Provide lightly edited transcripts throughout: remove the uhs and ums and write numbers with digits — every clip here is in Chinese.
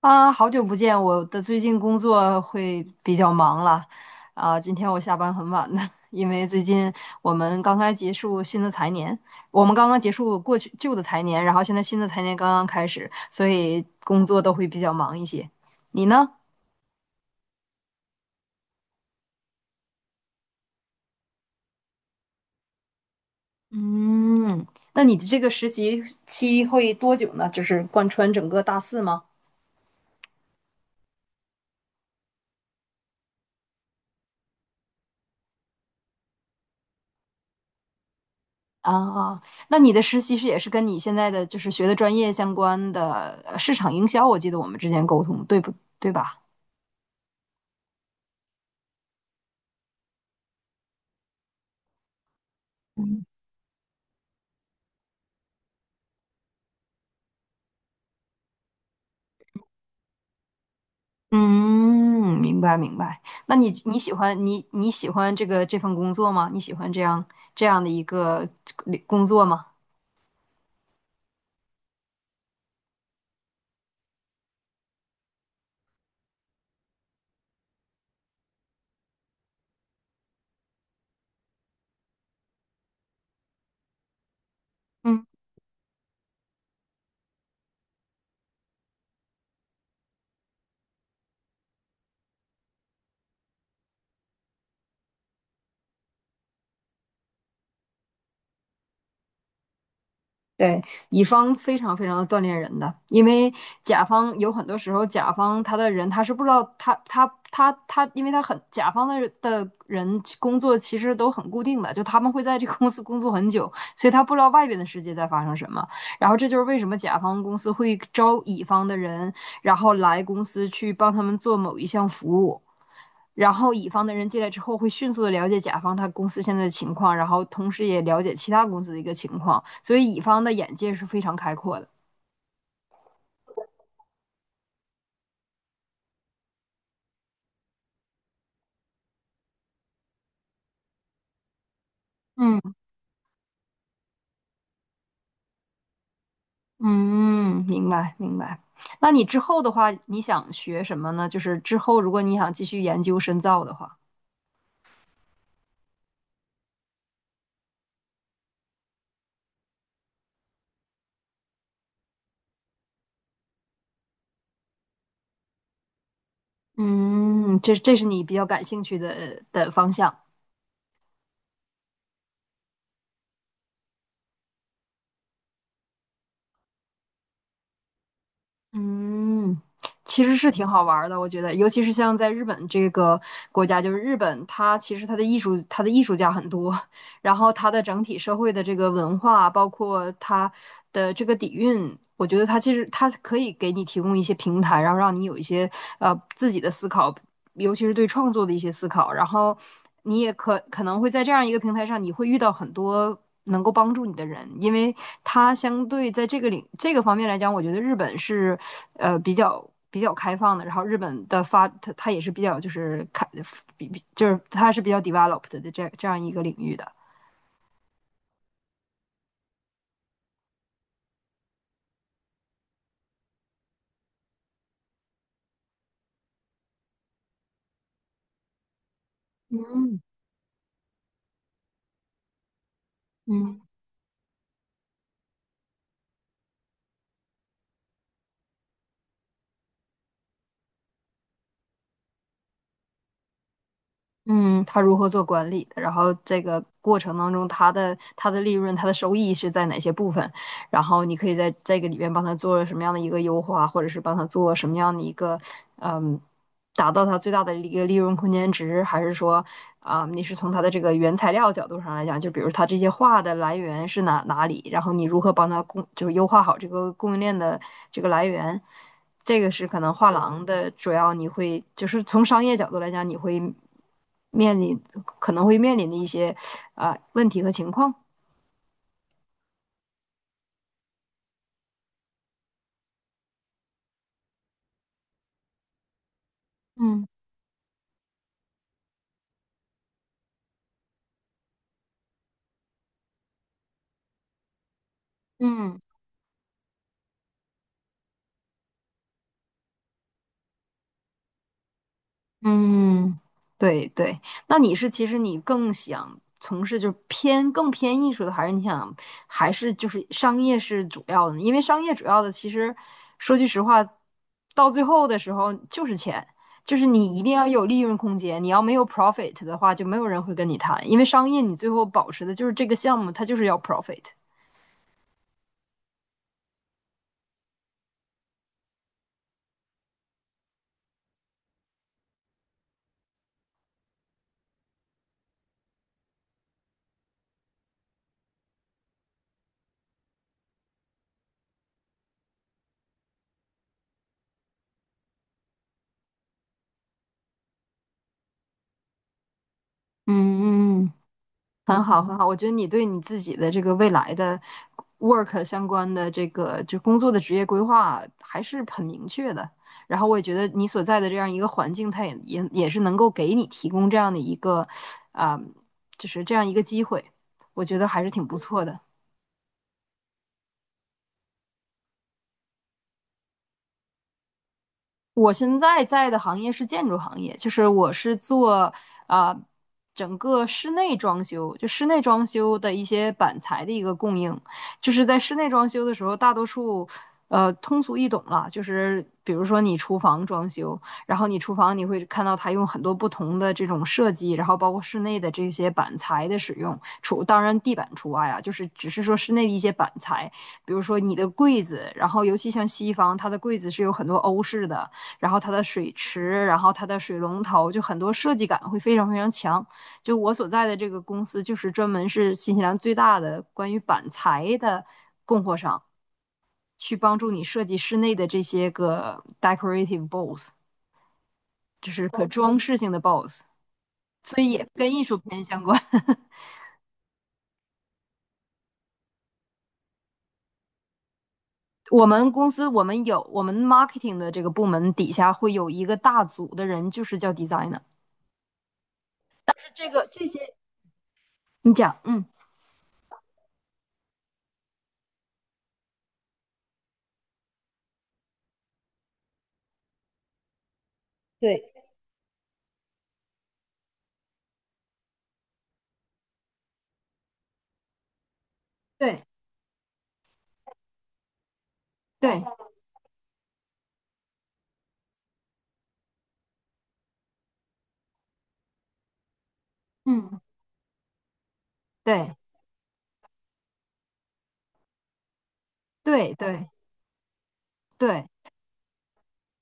啊，好久不见！我的最近工作会比较忙了，啊，今天我下班很晚的，因为最近我们刚刚结束新的财年，我们刚刚结束过去旧的财年，然后现在新的财年刚刚开始，所以工作都会比较忙一些。你呢？嗯，那你的这个实习期会多久呢？就是贯穿整个大四吗？啊，那你的实习是也是跟你现在的就是学的专业相关的市场营销，我记得我们之前沟通，对不对吧？嗯，明白明白。那你喜欢你喜欢这份工作吗？你喜欢这样的一个工作吗？嗯。对，乙方非常非常的锻炼人的，因为甲方有很多时候，甲方他的人他是不知道他，因为他很甲方的人工作其实都很固定的，就他们会在这个公司工作很久，所以他不知道外边的世界在发生什么。然后这就是为什么甲方公司会招乙方的人，然后来公司去帮他们做某一项服务。然后乙方的人进来之后，会迅速的了解甲方他公司现在的情况，然后同时也了解其他公司的一个情况，所以乙方的眼界是非常开阔的。嗯嗯，明白明白。那你之后的话，你想学什么呢？就是之后如果你想继续研究深造的话，嗯，这是你比较感兴趣的的方向。嗯，其实是挺好玩儿的，我觉得，尤其是像在日本这个国家，就是日本，它其实它的艺术，它的艺术家很多，然后它的整体社会的这个文化，包括它的这个底蕴，我觉得它其实它可以给你提供一些平台，然后让你有一些自己的思考，尤其是对创作的一些思考。然后你也可能会在这样一个平台上，你会遇到很多能够帮助你的人，因为他相对在这个领这个方面来讲，我觉得日本是比较开放的。然后日本的发，它也是比较就是开比比就是它是比较 developed 的这样一个领域的。嗯，嗯，他如何做管理的，然后这个过程当中，他的利润、他的收益是在哪些部分，然后你可以在这个里边帮他做什么样的一个优化，或者是帮他做什么样的一个，嗯，达到他最大的一个利润空间值，还是说，啊、你是从他的这个原材料角度上来讲，就比如他这些画的来源是哪里，然后你如何帮他，就是优化好这个供应链的这个来源。这个是可能画廊的主要，你会就是从商业角度来讲，你会面临可能会面临的一些啊、问题和情况。嗯嗯。嗯，对对，那你是其实你更想从事就是偏更偏艺术的，还是就是商业是主要的呢？因为商业主要的其实说句实话，到最后的时候就是钱，就是你一定要有利润空间，你要没有 profit 的话，就没有人会跟你谈，因为商业你最后保持的就是这个项目，它就是要 profit。嗯嗯。很好，很好。我觉得你对你自己的这个未来的 work 相关的这个就工作的职业规划还是很明确的。然后我也觉得你所在的这样一个环境，它也是能够给你提供这样的一个，啊、就是这样一个机会，我觉得还是挺不错的。我现在在的行业是建筑行业，就是我是做啊、整个室内装修，就室内装修的一些板材的一个供应。就是在室内装修的时候，大多数通俗易懂了，就是比如说你厨房装修，然后你厨房你会看到它用很多不同的这种设计，然后包括室内的这些板材的使用，除当然地板除外啊，就是只是说室内的一些板材，比如说你的柜子，然后尤其像西方，它的柜子是有很多欧式的。然后它的水池，然后它的水龙头，就很多设计感会非常非常强。就我所在的这个公司，就是专门是新西兰最大的关于板材的供货商，去帮助你设计室内的这些个 decorative b o l l s 就是可装饰性的 b o l l s 所以也跟艺术片相关。我们公司我们有我们 marketing 的这个部门底下会有一个大组的人，就是叫 designer，是这个这些你讲，嗯，对对对，嗯对。对对对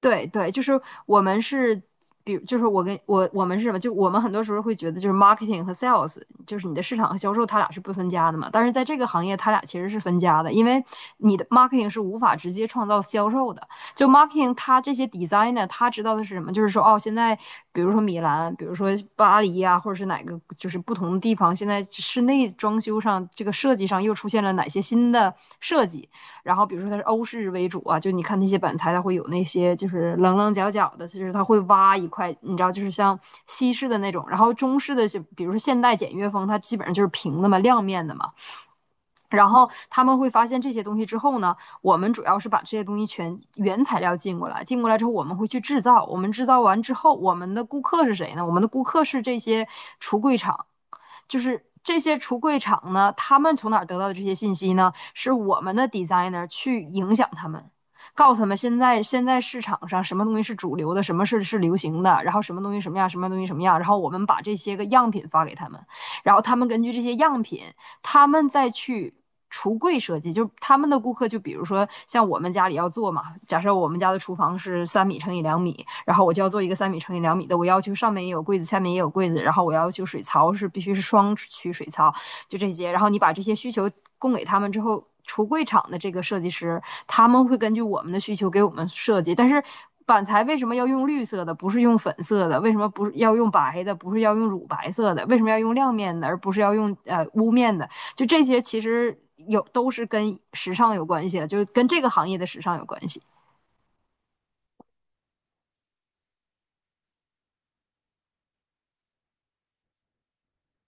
对对，就是我们是，比如就是我跟我我们是什么？就我们很多时候会觉得，就是 marketing 和 sales，就是你的市场和销售，它俩是不分家的嘛。但是在这个行业，它俩其实是分家的，因为你的 marketing 是无法直接创造销售的。就 marketing，它这些 designer，他知道的是什么？就是说，哦，现在比如说米兰，比如说巴黎呀、或者是哪个，就是不同的地方，现在室内装修上这个设计上又出现了哪些新的设计。然后比如说它是欧式为主啊，就你看那些板材，它会有那些就是棱棱角角的，就是它会挖一块，你知道，就是像西式的那种。然后中式的就比如说现代简约风，它基本上就是平的嘛，亮面的嘛。然后他们会发现这些东西之后呢，我们主要是把这些东西全原材料进过来，进过来之后我们会去制造，我们制造完之后，我们的顾客是谁呢？我们的顾客是这些橱柜厂。就是这些橱柜厂呢，他们从哪得到的这些信息呢？是我们的 designer 去影响他们，告诉他们现在市场上什么东西是主流的，什么是流行的，然后什么东西什么样，什么东西什么样，然后我们把这些个样品发给他们，然后他们根据这些样品他们再去橱柜设计，就他们的顾客，就比如说像我们家里要做嘛，假设我们家的厨房是三米乘以两米，然后我就要做一个三米乘以两米的，我要求上面也有柜子，下面也有柜子，然后我要求水槽是必须是双区水槽，就这些，然后你把这些需求供给他们之后。橱柜厂的这个设计师，他们会根据我们的需求给我们设计。但是板材为什么要用绿色的，不是用粉色的？为什么不是要用白的，不是要用乳白色的？为什么要用亮面的，而不是要用雾面的？就这些其实有都是跟时尚有关系的，就是跟这个行业的时尚有关系。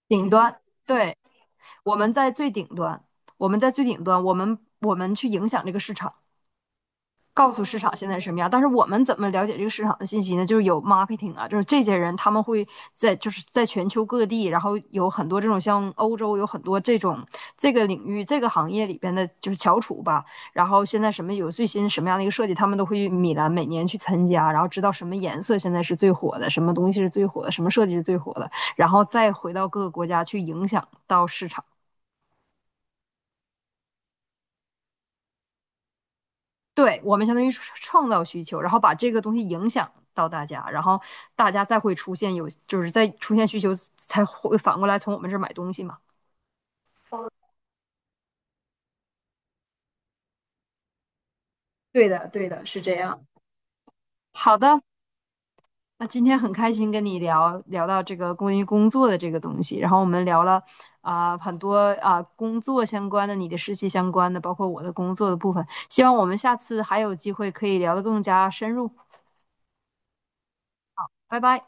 顶端，对，我们在最顶端，我们在最顶端，我们去影响这个市场。告诉市场现在什么样。但是我们怎么了解这个市场的信息呢？就是有 marketing 啊，就是这些人他们会在就是在全球各地，然后有很多这种像欧洲有很多这种这个领域这个行业里边的就是翘楚吧。然后现在什么有最新什么样的一个设计，他们都会去米兰每年去参加，然后知道什么颜色现在是最火的，什么东西是最火的，什么设计是最火的，然后再回到各个国家去影响到市场。对，我们相当于创造需求，然后把这个东西影响到大家，然后大家再会出现有，就是再出现需求，才会反过来从我们这儿买东西嘛。对的，对的，是这样。好的，那今天很开心跟你聊聊到这个关于工作的这个东西，然后我们聊了啊、很多啊、工作相关的，你的实习相关的，包括我的工作的部分。希望我们下次还有机会可以聊得更加深入。拜拜。